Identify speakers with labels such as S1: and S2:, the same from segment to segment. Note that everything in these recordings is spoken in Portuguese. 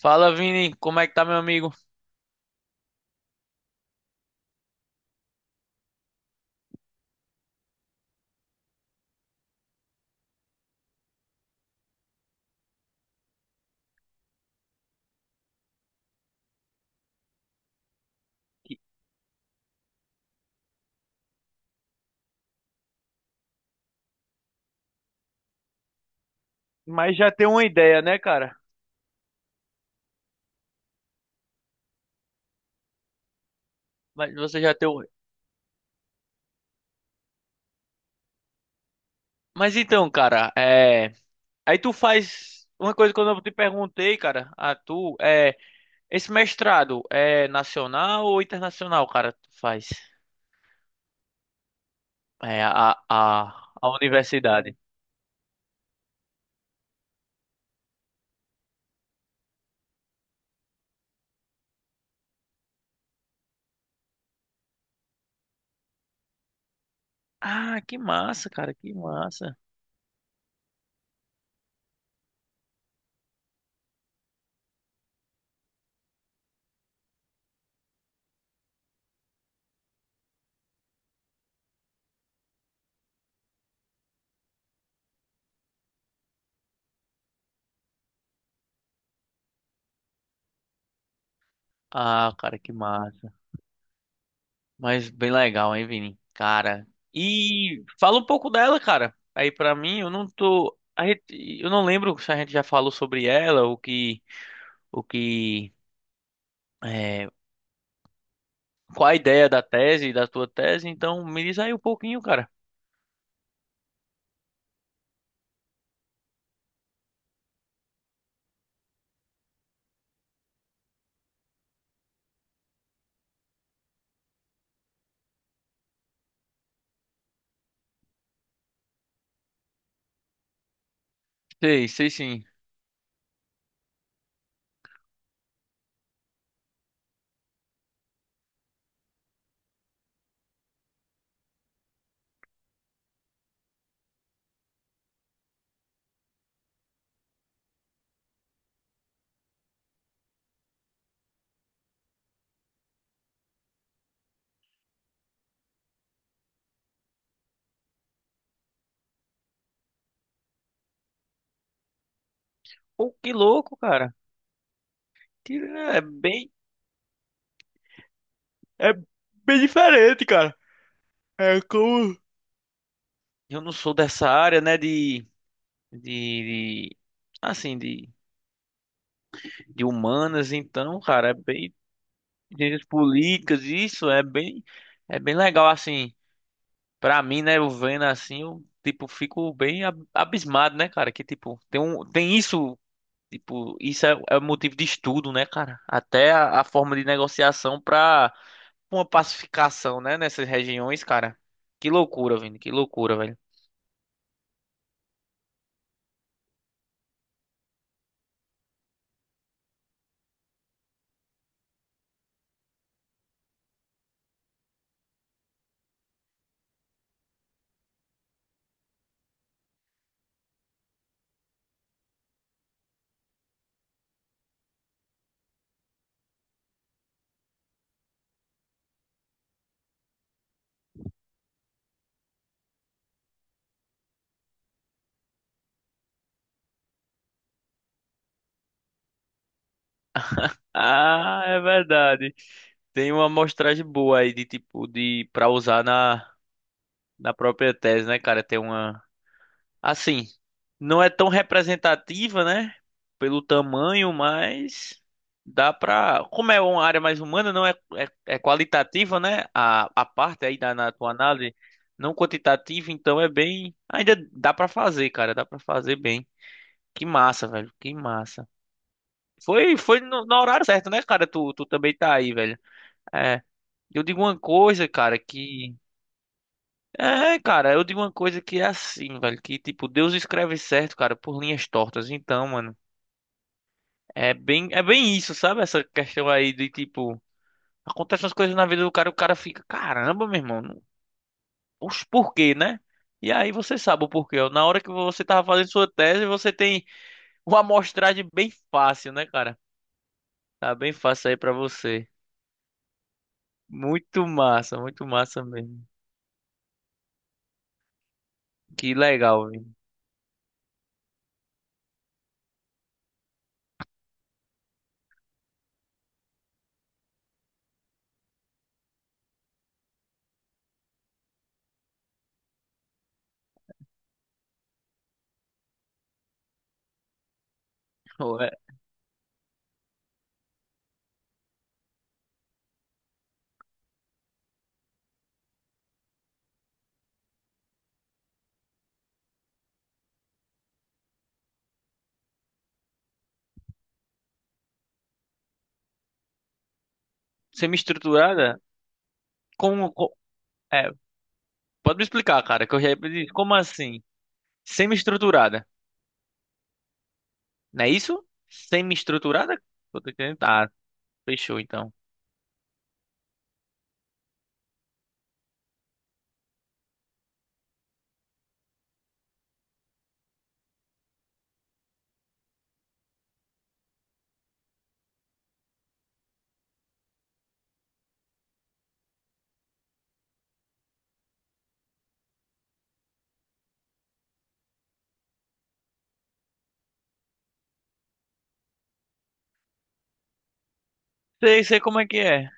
S1: Fala, Vini, como é que tá, meu amigo? Mas já tem uma ideia, né, cara? Mas você já tem o... Mas então, cara, é. Aí tu faz uma coisa que eu não te perguntei, cara. A tu é esse mestrado é nacional ou internacional, cara? Tu faz é a universidade. Ah, que massa, cara, que massa. Ah, cara, que massa. Mas bem legal, hein, Vini? Cara. E fala um pouco dela, cara. Aí pra mim, eu não tô. A gente, eu não lembro se a gente já falou sobre ela, o que, é, qual a ideia da tese, da tua tese. Então, me diz aí um pouquinho, cara. Sei, sei sim. Pô, que louco, cara. Que é bem diferente, cara. É como eu não sou dessa área, né, de, de assim, de humanas, então, cara, é bem ciências políticas, isso é bem legal, assim, pra mim, né, eu vendo assim, eu, tipo, fico bem abismado, né, cara, que, tipo, tem um, tem isso, tipo, isso é, é motivo de estudo, né, cara, até a forma de negociação pra uma pacificação, né, nessas regiões, cara, que loucura, velho, que loucura, velho. Ah, é verdade. Tem uma amostragem boa aí de tipo de para usar na na própria tese, né, cara? Tem uma. Assim, não é tão representativa, né? Pelo tamanho, mas dá pra. Como é uma área mais humana, não é, é, é qualitativa, né? A parte aí da na tua análise, não quantitativa, então é bem. Ainda dá pra fazer, cara, dá pra fazer bem. Que massa, velho, que massa. Foi, foi no, no horário certo, né, cara? Tu, tu também tá aí, velho. É. Eu digo uma coisa, cara, que é, cara, eu digo uma coisa que é assim, velho, que tipo, Deus escreve certo, cara, por linhas tortas. Então, mano, é bem isso, sabe? Essa questão aí de tipo, acontecem as coisas na vida do cara, o cara fica, caramba, meu irmão, não- os porquê, né? E aí você sabe o porquê. Ó. Na hora que você tava fazendo sua tese, você tem uma amostragem bem fácil, né, cara? Tá bem fácil aí pra você. Muito massa mesmo. Que legal, velho. Pô, é-. Semi-estruturada? Como, pode me explicar, cara, que eu já... Como assim? Semi-estruturada. Não é isso? Semi-estruturada? Eu tô entendendo. Tá, fechou então. Sei, sei como é que é.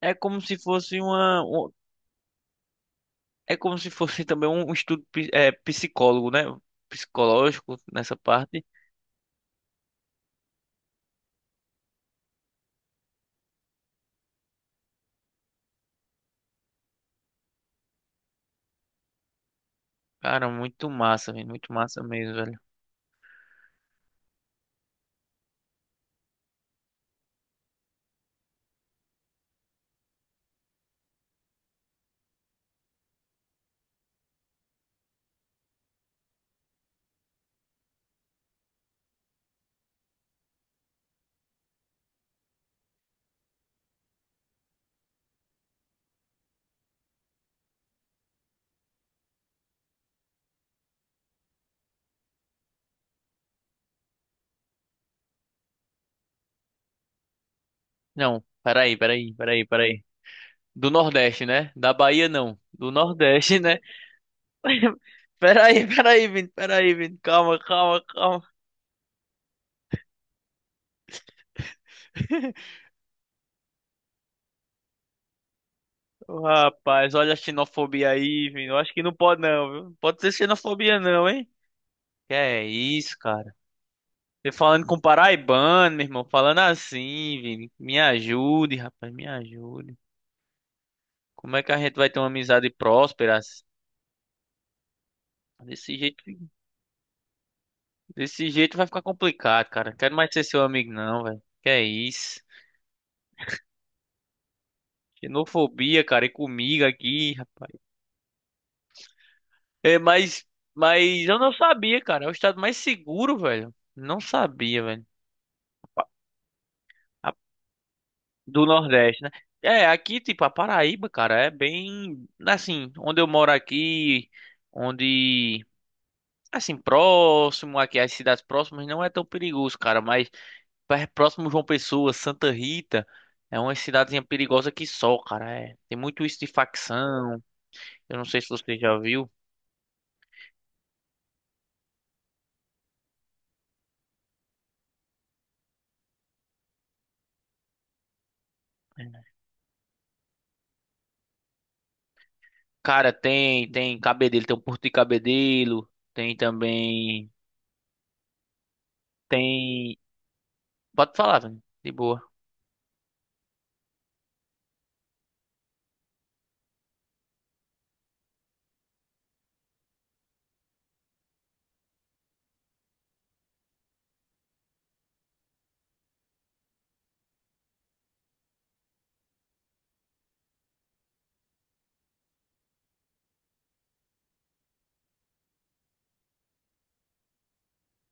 S1: É como se fosse uma... um-. É como se fosse também um estudo psicólogo, né? Psicológico nessa parte. Cara, muito massa, velho. Muito massa mesmo, velho. Não, peraí, peraí, peraí, peraí. Do Nordeste, né? Da Bahia, não. Do Nordeste, né? Peraí, peraí, Vini. Peraí, Vini. Calma, calma, calma. Rapaz, olha a xenofobia aí, viu? Eu acho que não pode não, viu? Não pode ser xenofobia não, hein? Que é isso, cara? Você falando com paraibano, meu irmão, falando assim, Vini. Me ajude, rapaz, me ajude. Como é que a gente vai ter uma amizade próspera? Assim? Desse jeito, desse jeito vai ficar complicado, cara. Quero mais ser seu amigo não, velho. Que é isso? Xenofobia, cara, e comigo aqui, rapaz. É, mas eu não sabia, cara. É o estado mais seguro, velho. Não sabia, velho. Do Nordeste, né? É, aqui, tipo, a Paraíba, cara, é bem. Assim, onde eu moro aqui, onde. Assim, próximo aqui, as cidades próximas não é tão perigoso, cara, mas próximo João Pessoa, Santa Rita, é uma cidadezinha perigosa que só, cara. É. Tem muito isso de facção. Eu não sei se você já viu. Cara, tem, tem Cabedelo, tem o Porto de Cabedelo, tem também. Tem. Pode falar, velho. De boa.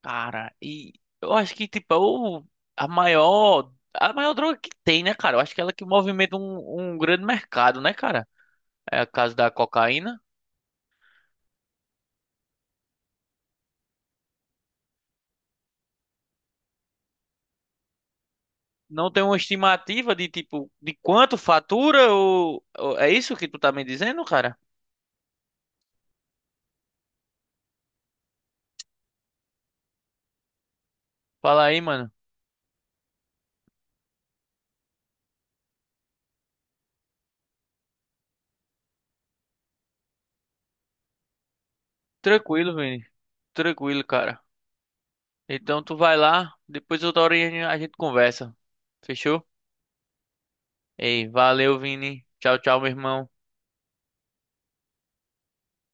S1: Cara, e eu acho que, tipo, é o, a maior droga que tem, né, cara? Eu acho que é ela que movimenta um, um grande mercado, né, cara? É a caso da cocaína. Não tem uma estimativa de, tipo, de quanto fatura ou- É isso que tu tá me dizendo, cara? Fala aí, mano. Tranquilo, Vini. Tranquilo, cara. Então tu vai lá, depois outra hora a gente conversa. Fechou? Ei, valeu, Vini. Tchau, tchau, meu irmão.